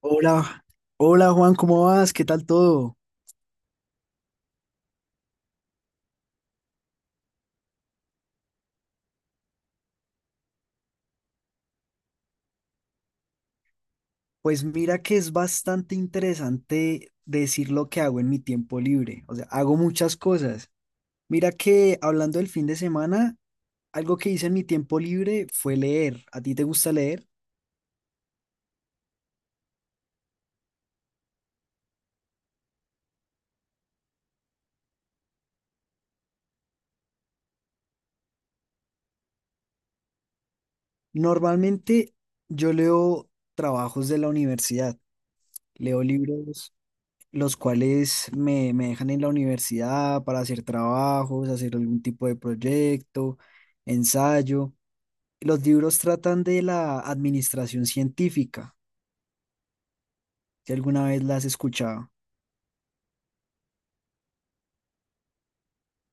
Hola, hola Juan, ¿cómo vas? ¿Qué tal todo? Pues mira que es bastante interesante decir lo que hago en mi tiempo libre, o sea, hago muchas cosas. Mira que hablando del fin de semana, algo que hice en mi tiempo libre fue leer. ¿A ti te gusta leer? Normalmente yo leo trabajos de la universidad, leo libros los cuales me dejan en la universidad para hacer trabajos, hacer algún tipo de proyecto, ensayo. Los libros tratan de la administración científica, si alguna vez la has escuchado.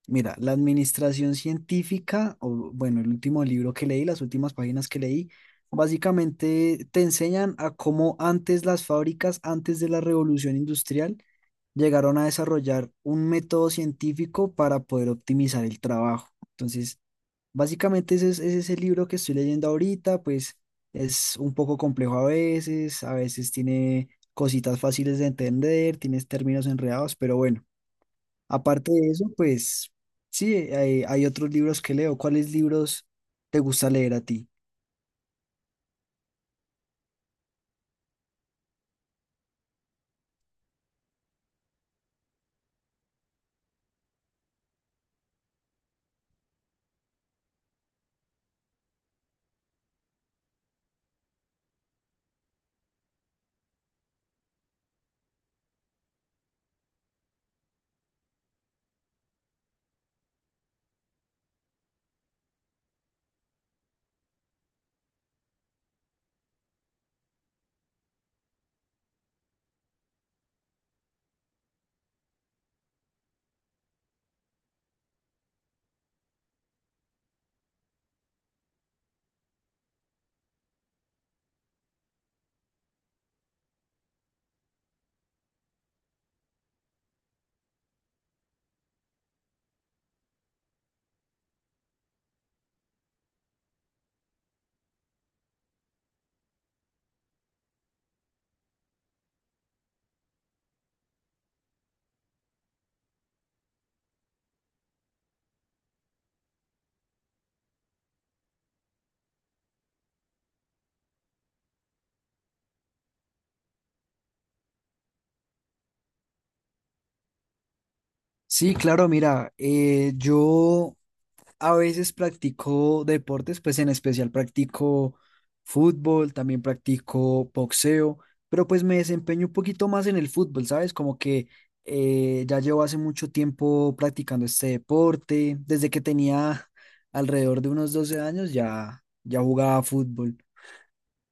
Mira, la administración científica, o bueno, el último libro que leí, las últimas páginas que leí, básicamente te enseñan a cómo antes las fábricas, antes de la revolución industrial, llegaron a desarrollar un método científico para poder optimizar el trabajo. Entonces, básicamente ese es el libro que estoy leyendo ahorita, pues es un poco complejo a veces tiene cositas fáciles de entender, tienes términos enredados, pero bueno, aparte de eso, pues sí, hay otros libros que leo. ¿Cuáles libros te gusta leer a ti? Sí, claro, mira, yo a veces practico deportes, pues en especial practico fútbol, también practico boxeo, pero pues me desempeño un poquito más en el fútbol, ¿sabes? Como que ya llevo hace mucho tiempo practicando este deporte, desde que tenía alrededor de unos 12 años, ya jugaba fútbol.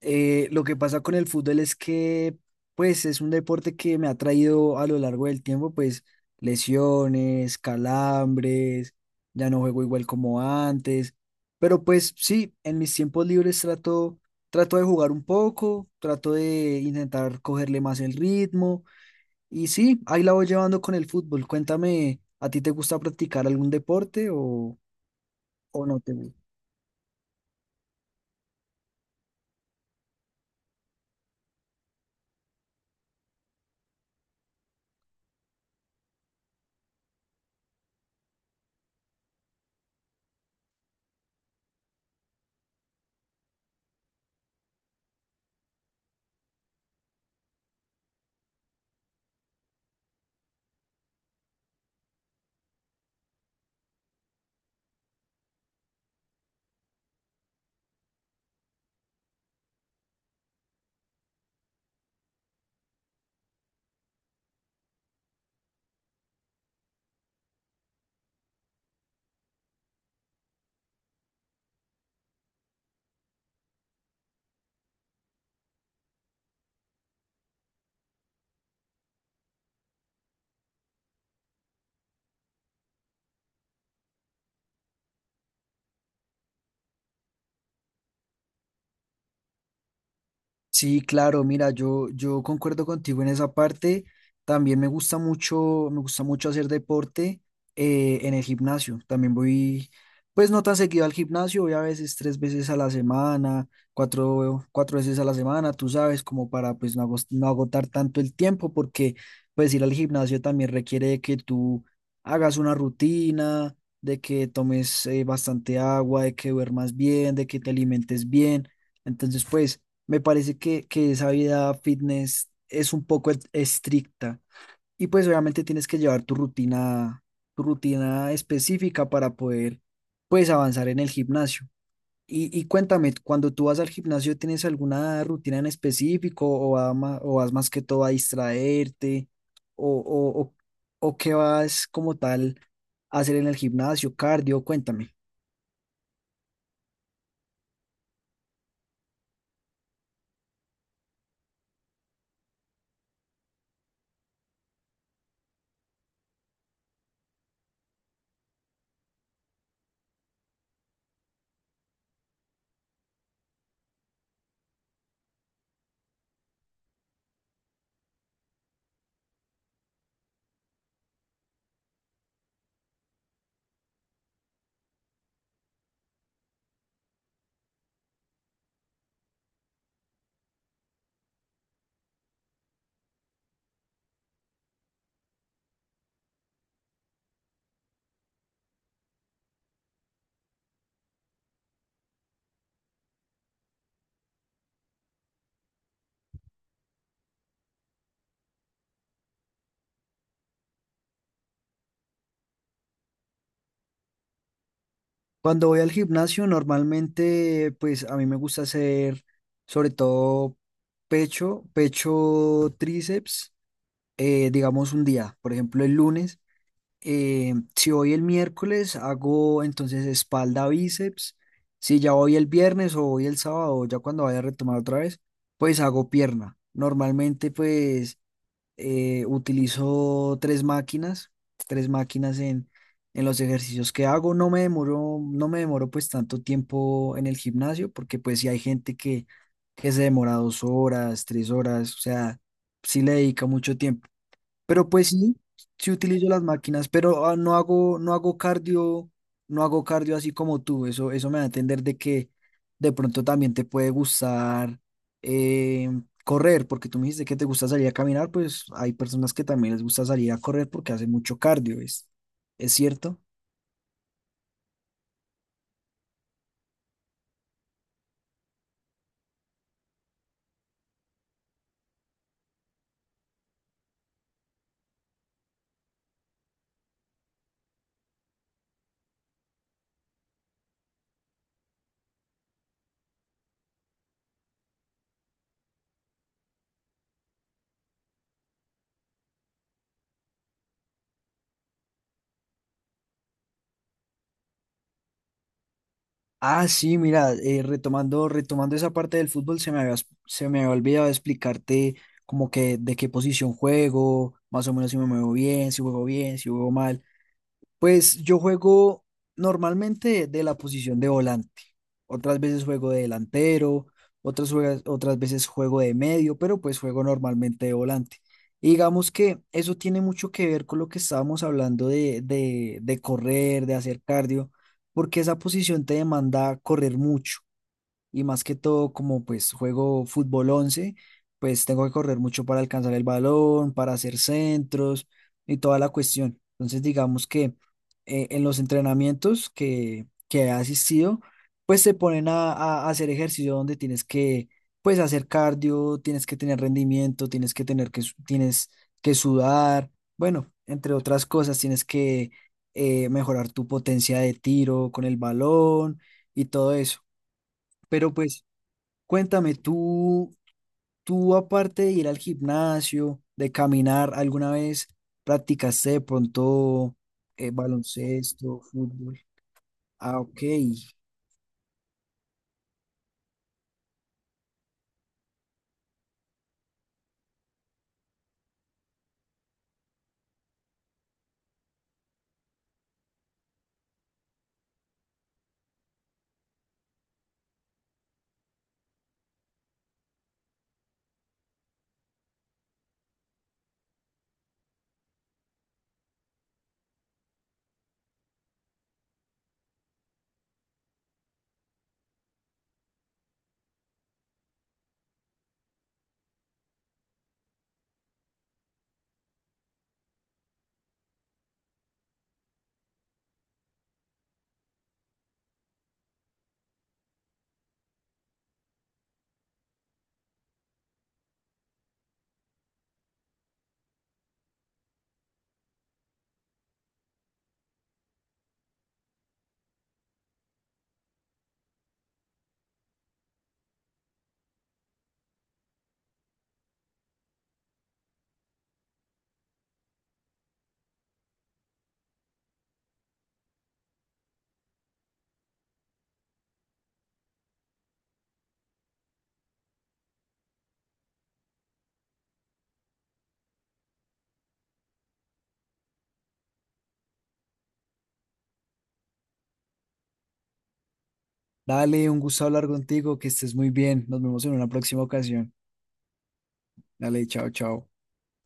Lo que pasa con el fútbol es que, pues, es un deporte que me ha traído a lo largo del tiempo, pues, lesiones, calambres, ya no juego igual como antes, pero pues sí, en mis tiempos libres trato, trato de jugar un poco, trato de intentar cogerle más el ritmo y sí, ahí la voy llevando con el fútbol. Cuéntame, ¿a ti te gusta practicar algún deporte o no te gusta? Sí, claro, mira, yo concuerdo contigo en esa parte. También me gusta mucho hacer deporte en el gimnasio. También voy, pues no tan seguido al gimnasio, voy a veces 3 veces a la semana, cuatro veces a la semana, tú sabes, como para pues no, no agotar tanto el tiempo, porque pues ir al gimnasio también requiere de que tú hagas una rutina, de que tomes bastante agua, de que duermas bien, de que te alimentes bien. Entonces, pues… Me parece que esa vida fitness es un poco estricta y pues obviamente tienes que llevar tu rutina específica para poder pues avanzar en el gimnasio. Y cuéntame, cuando tú vas al gimnasio, ¿tienes alguna rutina en específico o o vas más que todo a distraerte o o qué vas como tal a hacer en el gimnasio, cardio? Cuéntame. Cuando voy al gimnasio, normalmente, pues a mí me gusta hacer sobre todo pecho, tríceps, digamos un día, por ejemplo el lunes. Si voy el miércoles, hago entonces espalda, bíceps. Si ya voy el viernes o voy el sábado, ya cuando vaya a retomar otra vez, pues hago pierna. Normalmente, pues utilizo 3 máquinas, 3 máquinas en los ejercicios que hago. No me demoro pues tanto tiempo en el gimnasio, porque pues si hay gente que se demora 2 horas, 3 horas, o sea, sí le dedica mucho tiempo. Pero pues sí, sí utilizo las máquinas, pero no hago cardio, no hago cardio así como tú. Eso me da a entender de que de pronto también te puede gustar eh, correr, porque tú me dijiste que te gusta salir a caminar, pues hay personas que también les gusta salir a correr porque hacen mucho cardio, ¿es cierto? Ah, sí, mira, retomando, retomando esa parte del fútbol, se me había olvidado explicarte como que de qué posición juego, más o menos si me muevo bien, si juego mal. Pues yo juego normalmente de la posición de volante. Otras veces juego de delantero, otras veces juego de medio, pero pues juego normalmente de volante. Y digamos que eso tiene mucho que ver con lo que estábamos hablando de correr, de hacer cardio, porque esa posición te demanda correr mucho y más que todo como pues juego fútbol 11 pues tengo que correr mucho para alcanzar el balón, para hacer centros y toda la cuestión. Entonces digamos que en los entrenamientos que he asistido, pues se ponen a hacer ejercicio donde tienes que pues hacer cardio, tienes que tener rendimiento, tienes que tener tienes que sudar, bueno, entre otras cosas, tienes que mejorar tu potencia de tiro con el balón y todo eso. Pero pues cuéntame, tú aparte de ir al gimnasio, de caminar, ¿alguna vez practicaste de pronto baloncesto, fútbol? Ah, ok. Dale, un gusto hablar contigo, que estés muy bien. Nos vemos en una próxima ocasión. Dale, chao, chao.